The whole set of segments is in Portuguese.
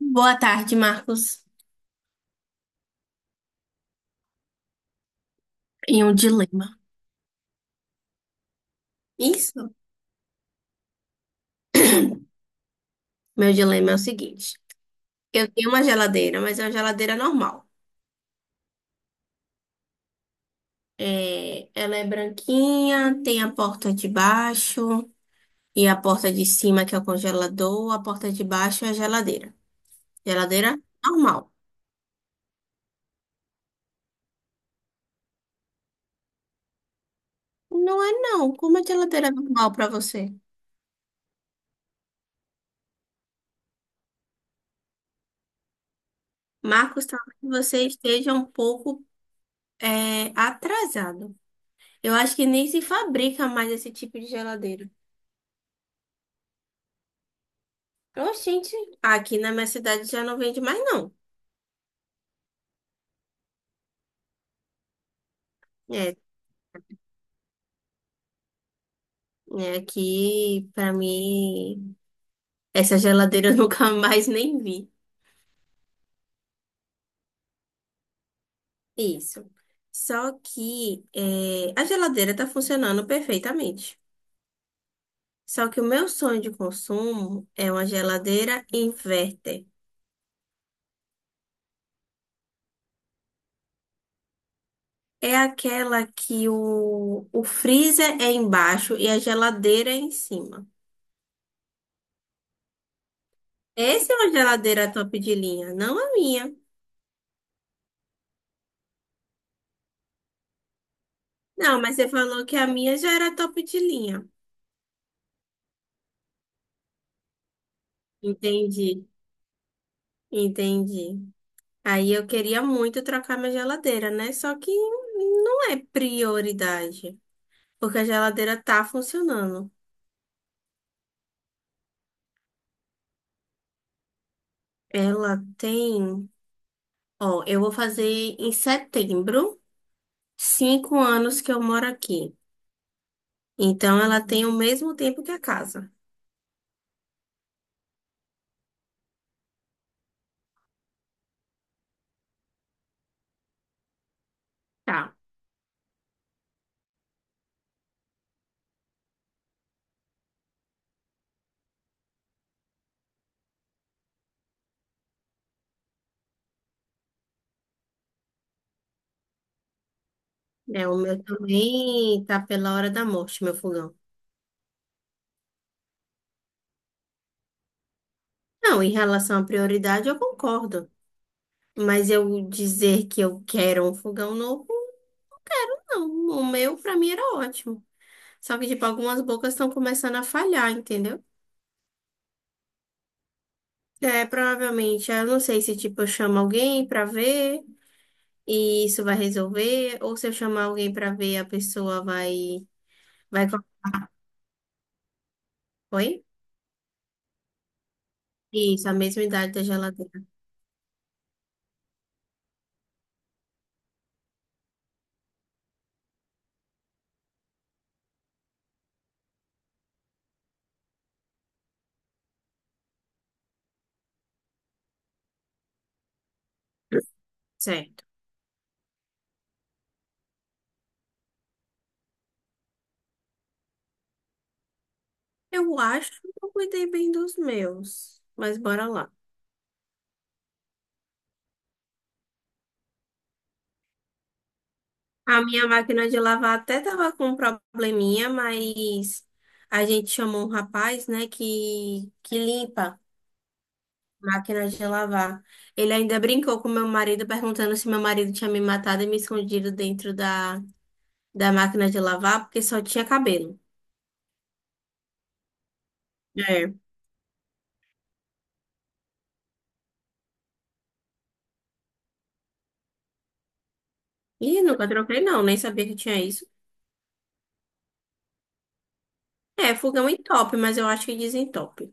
Boa tarde, Marcos. Em um dilema. Isso. Meu dilema é o seguinte: eu tenho uma geladeira, mas é uma geladeira normal. É, ela é branquinha, tem a porta de baixo e a porta de cima, que é o congelador, a porta de baixo é a geladeira. Geladeira normal. Não é, não. Como é geladeira normal para você? Marcos, talvez você esteja um pouco atrasado. Eu acho que nem se fabrica mais esse tipo de geladeira. Oxente, aqui na minha cidade já não vende mais, não. É, é aqui, pra mim, essa geladeira eu nunca mais nem vi. Isso. Só que é, a geladeira tá funcionando perfeitamente. Só que o meu sonho de consumo é uma geladeira inverter. É aquela que o freezer é embaixo e a geladeira é em cima. Essa é uma geladeira top de linha, não a minha. Não, mas você falou que a minha já era top de linha. Entendi, entendi. Aí eu queria muito trocar minha geladeira, né? Só que não é prioridade, porque a geladeira tá funcionando. Ela tem, ó, eu vou fazer em setembro, cinco anos que eu moro aqui. Então ela tem o mesmo tempo que a casa. Tá. É, o meu também tá pela hora da morte, meu fogão. Não, em relação à prioridade, eu concordo. Mas eu dizer que eu quero um fogão novo. Não, o meu pra mim era ótimo. Só que, tipo, algumas bocas estão começando a falhar, entendeu? É, provavelmente, eu não sei se, tipo, eu chamo alguém pra ver e isso vai resolver, ou se eu chamar alguém pra ver, a pessoa vai, vai... co- Oi? Isso, a mesma idade da geladeira. Certo. Eu acho que eu cuidei bem dos meus, mas bora lá. A minha máquina de lavar até tava com um probleminha, mas a gente chamou um rapaz, né, que limpa. Máquina de lavar. Ele ainda brincou com meu marido, perguntando se meu marido tinha me matado e me escondido dentro da máquina de lavar, porque só tinha cabelo. É. Ih, nunca troquei, não, nem sabia que tinha isso. É, fogão entope, mas eu acho que desentope.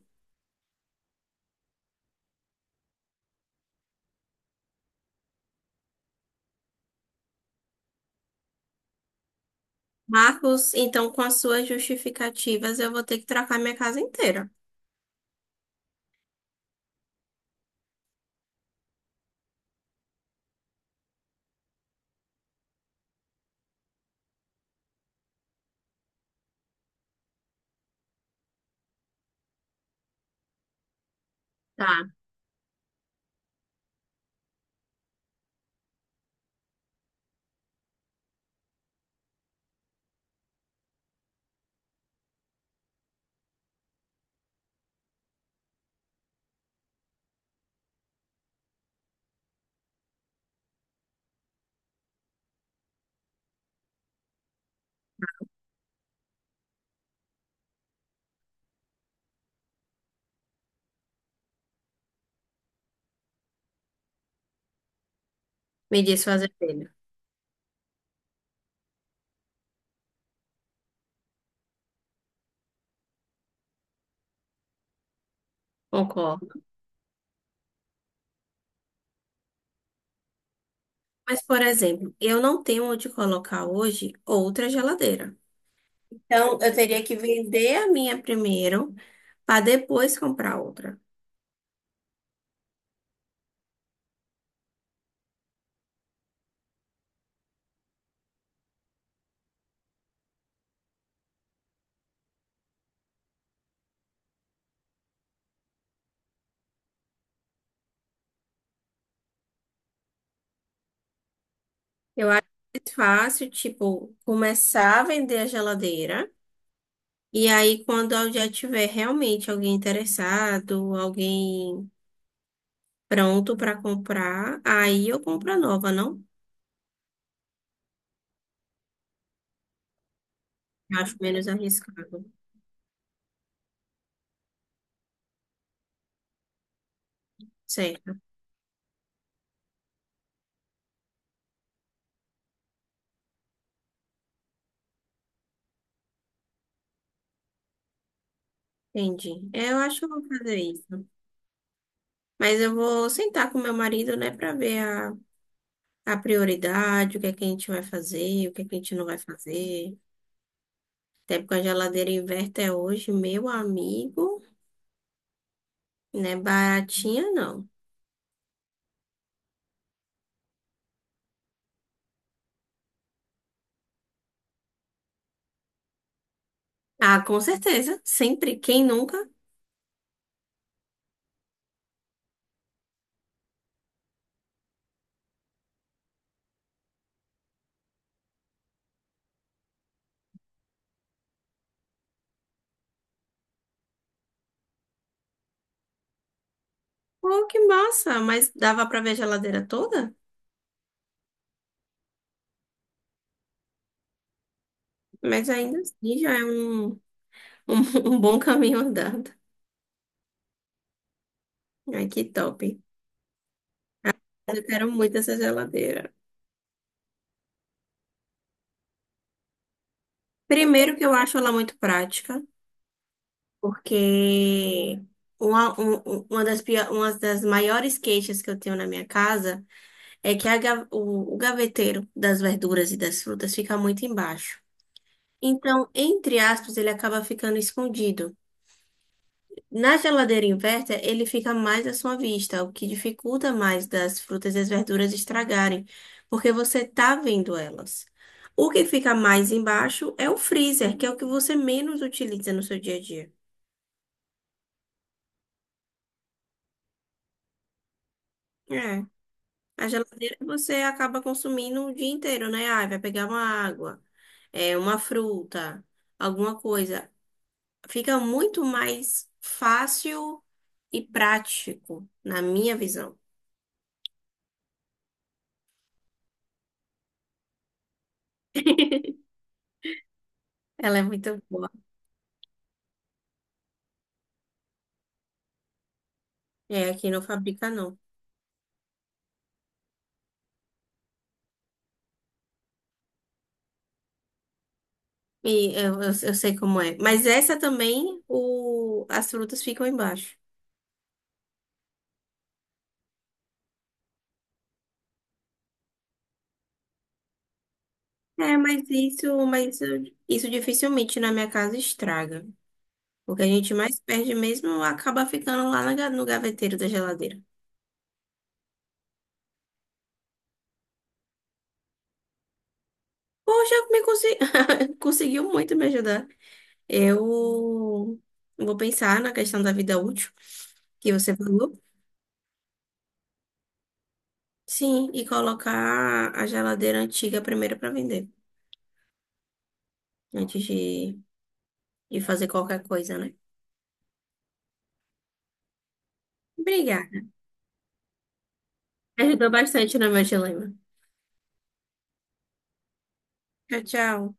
Marcos, então com as suas justificativas, eu vou ter que trocar minha casa inteira. Tá, me diz fazer telha. Concordo. Mas, por exemplo, eu não tenho onde colocar hoje outra geladeira. Então, eu teria que vender a minha primeiro para depois comprar outra. Eu acho mais fácil, tipo, começar a vender a geladeira e aí quando eu já tiver realmente alguém interessado, alguém pronto para comprar, aí eu compro a nova, não? Acho menos arriscado. Certo, entendi. É, eu acho que eu vou fazer isso. Mas eu vou sentar com meu marido, né, para ver a prioridade, o que é que a gente vai fazer, o que é que a gente não vai fazer. Até porque a geladeira inverter hoje, meu amigo, não é baratinha, não. Ah, com certeza. Sempre. Quem nunca? Pô, que massa! Mas dava pra ver a geladeira toda? Mas ainda assim já é um bom caminho andado. Ai, que top. Eu quero muito essa geladeira. Primeiro que eu acho ela muito prática, porque uma das, pio- uma das maiores queixas que eu tenho na minha casa. É que a ga- o gaveteiro das verduras e das frutas fica muito embaixo. Então, entre aspas, ele acaba ficando escondido. Na geladeira inversa, ele fica mais à sua vista, o que dificulta mais das frutas e as verduras estragarem, porque você tá vendo elas. O que fica mais embaixo é o freezer, que é o que você menos utiliza no seu dia a dia. É. A geladeira você acaba consumindo o dia inteiro, né? Ah, vai pegar uma água, é uma fruta alguma coisa. Fica muito mais fácil e prático, na minha visão. Ela é muito boa. É, aqui não fabrica, não. E eu sei como é. Mas essa também, o, as frutas ficam embaixo. É, isso dificilmente na minha casa estraga. O que a gente mais perde mesmo acaba ficando lá na ga- no gaveteiro da geladeira. Poxa, me conse- conseguiu muito me ajudar. Eu vou pensar na questão da vida útil que você falou. Sim, e colocar a geladeira antiga primeiro para vender, antes de, de fazer qualquer coisa, né? Obrigada. Ajudou bastante no meu dilema. Tchau, tchau.